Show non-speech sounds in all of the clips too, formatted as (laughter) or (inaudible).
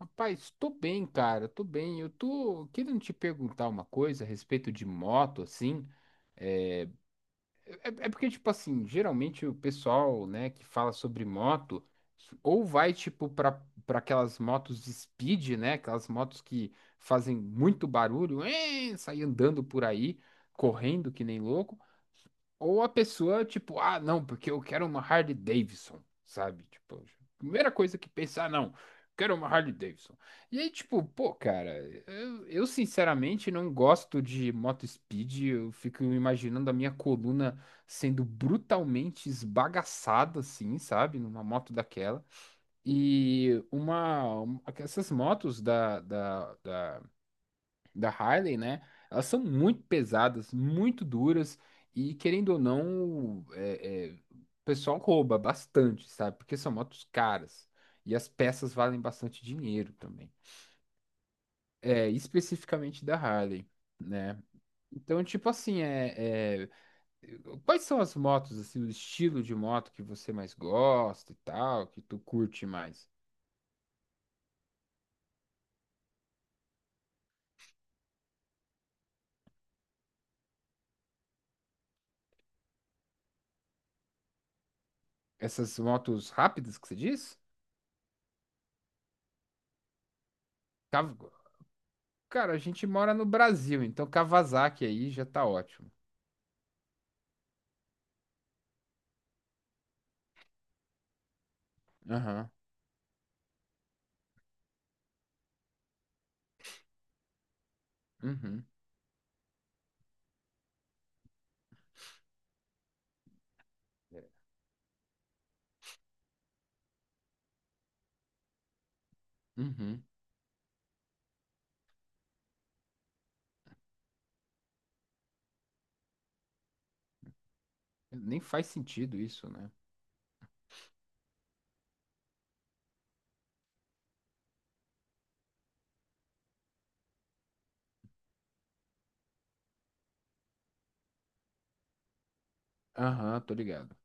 Rapaz, tô bem, cara, tô bem. Eu tô querendo te perguntar uma coisa a respeito de moto, assim. É, é, porque, tipo assim, geralmente o pessoal, né, que fala sobre moto, ou vai, tipo, pra aquelas motos de speed, né, aquelas motos que fazem muito barulho, sai andando por aí, correndo que nem louco, ou a pessoa, tipo, ah, não, porque eu quero uma Harley Davidson, sabe? Tipo, primeira coisa que pensar, ah, não, quero uma Harley Davidson. E aí, tipo, pô, cara, eu sinceramente não gosto de moto speed, eu fico imaginando a minha coluna sendo brutalmente esbagaçada, assim, sabe? Numa moto daquela. Essas motos da Harley, né? Elas são muito pesadas, muito duras e querendo ou não, o pessoal rouba bastante, sabe? Porque são motos caras e as peças valem bastante dinheiro também. É, especificamente da Harley, né? Então, tipo assim, quais são as motos, assim, o estilo de moto que você mais gosta e tal, que tu curte mais? Essas motos rápidas que você diz? Cav- Cara, a gente mora no Brasil, então Kawasaki aí já tá ótimo. Aham. Uhum. É. Uhum. Nem faz sentido isso, né? Aham, tô ligado.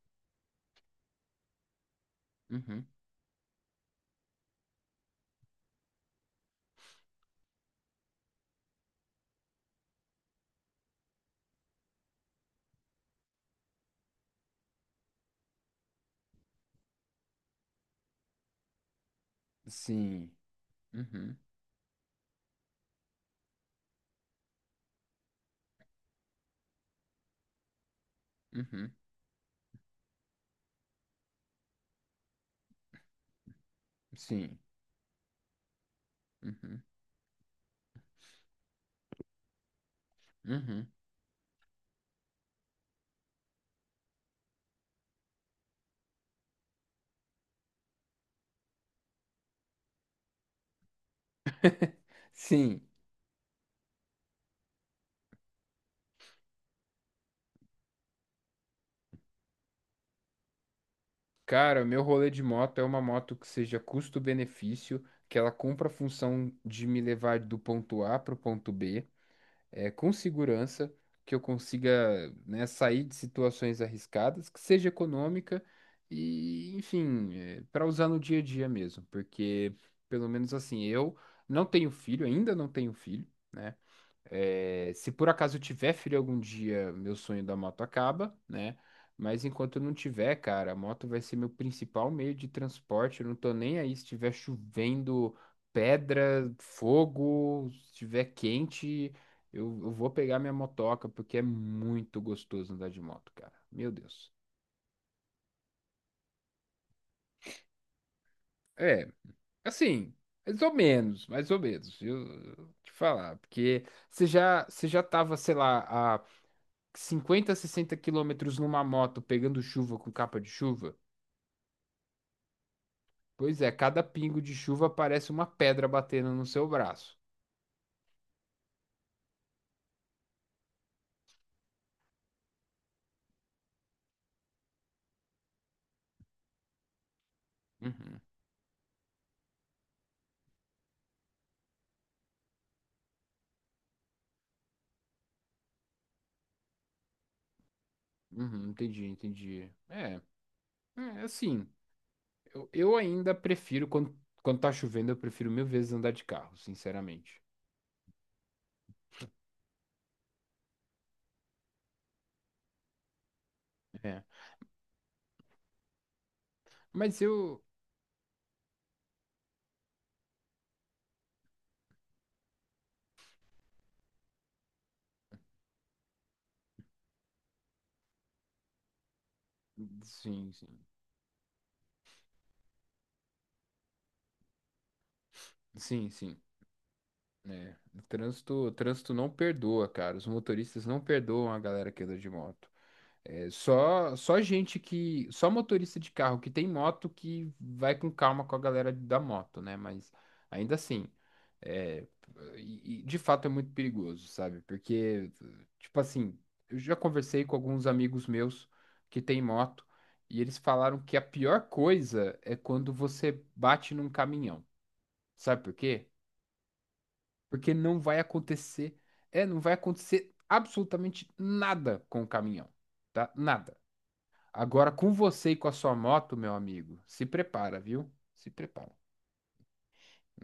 Uhum. Sim. Uhum. Uhum. Sim. Uhum. Uhum. Sim. Cara, meu rolê de moto é uma moto que seja custo-benefício, que ela cumpra a função de me levar do ponto A pro ponto B, com segurança, que eu consiga, né, sair de situações arriscadas, que seja econômica e, enfim, para usar no dia a dia mesmo, porque pelo menos assim, eu não tenho filho, ainda não tenho filho, né? É, se por acaso eu tiver filho algum dia, meu sonho da moto acaba, né? Mas enquanto eu não tiver, cara, a moto vai ser meu principal meio de transporte. Eu não tô nem aí se estiver chovendo pedra, fogo, se estiver quente, eu vou pegar minha motoca, porque é muito gostoso andar de moto, cara. Meu Deus. É, assim, mais ou menos, viu? Eu te falar, porque você já tava, sei lá, 50 60 quilômetros numa moto pegando chuva com capa de chuva? Pois é, cada pingo de chuva parece uma pedra batendo no seu braço. Uhum, uhum, entendi, entendi. É, é assim, eu ainda prefiro, quando tá chovendo, eu prefiro mil vezes andar de carro, sinceramente. É, mas eu. Sim, sim. Sim, sim. É, o trânsito não perdoa, cara. Os motoristas não perdoam a galera que anda de moto. É só gente que. Só motorista de carro que tem moto que vai com calma com a galera da moto, né? Mas ainda assim, é, e de fato é muito perigoso, sabe? Porque, tipo assim, eu, já conversei com alguns amigos meus que têm moto e eles falaram que a pior coisa é quando você bate num caminhão. Sabe por quê? Porque não vai acontecer. É, não vai acontecer absolutamente nada com o caminhão, tá? Nada. Agora, com você e com a sua moto, meu amigo, se prepara, viu? Se prepara,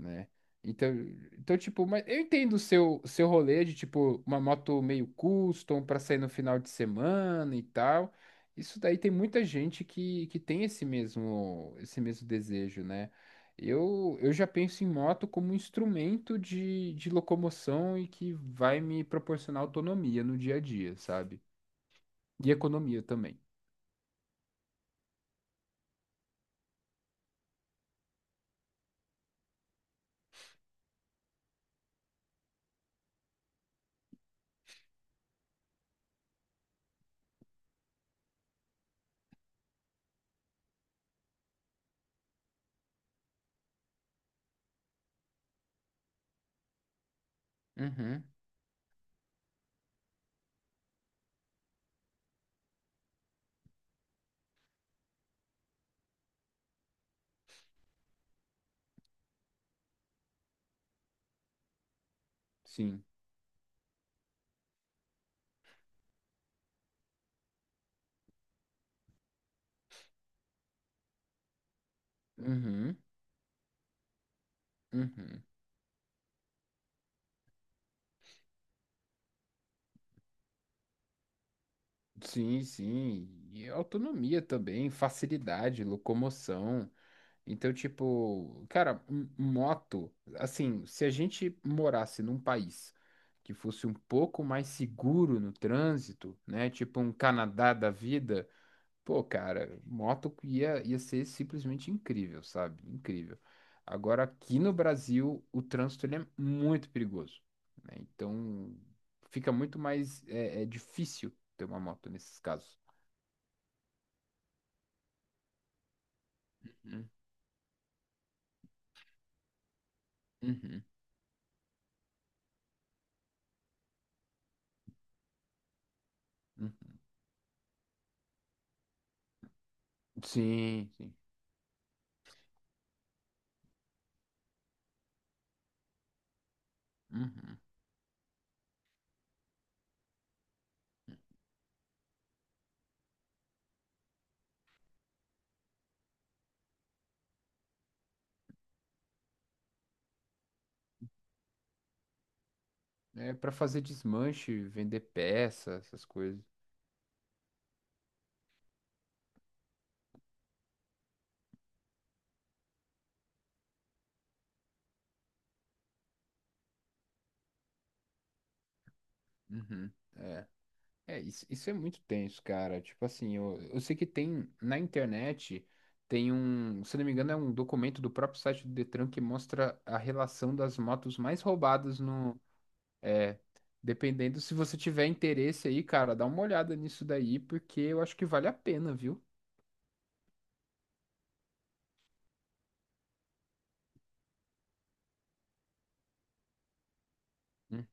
né? Então, então tipo, mas eu entendo o seu, seu rolê de, tipo, uma moto meio custom pra sair no final de semana e tal. Isso daí tem muita gente que tem esse mesmo desejo, né? Eu já penso em moto como um instrumento de locomoção e que vai me proporcionar autonomia no dia a dia, sabe? E economia também. Uhum, sim. Uhum. Uhum. Sim, sim. E autonomia também, facilidade, locomoção. Então, tipo, cara, moto, assim, se a gente morasse num país que fosse um pouco mais seguro no trânsito, né? Tipo um Canadá da vida, pô, cara, moto ia ser simplesmente incrível, sabe? Incrível. Agora, aqui no Brasil, o trânsito ele é muito perigoso, né? Então, fica muito mais difícil ter uma moto nesses casos. Uhum, uhum, uhum. Sim, sim. Uhum. É para fazer desmanche, vender peça, essas coisas. Uhum. É. É, isso é muito tenso, cara. Tipo assim, eu sei que tem na internet, tem um, se não me engano, é um documento do próprio site do Detran que mostra a relação das motos mais roubadas no. É, dependendo, se você tiver interesse aí, cara, dá uma olhada nisso daí, porque eu acho que vale a pena, viu? Uhum,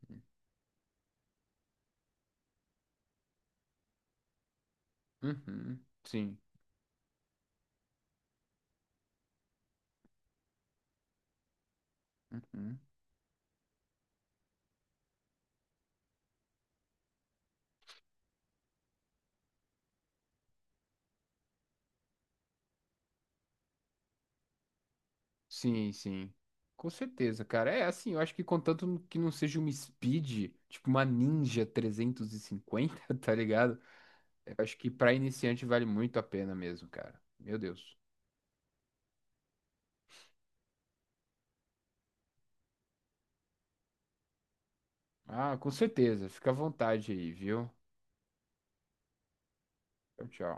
uhum, sim. Uhum. Sim, sim. Com certeza, cara. É assim, eu acho que contanto que não seja uma Speed, tipo uma Ninja 350, (laughs) tá ligado? Eu acho que para iniciante vale muito a pena mesmo, cara. Meu Deus. Ah, com certeza. Fica à vontade aí, viu? Tchau, tchau.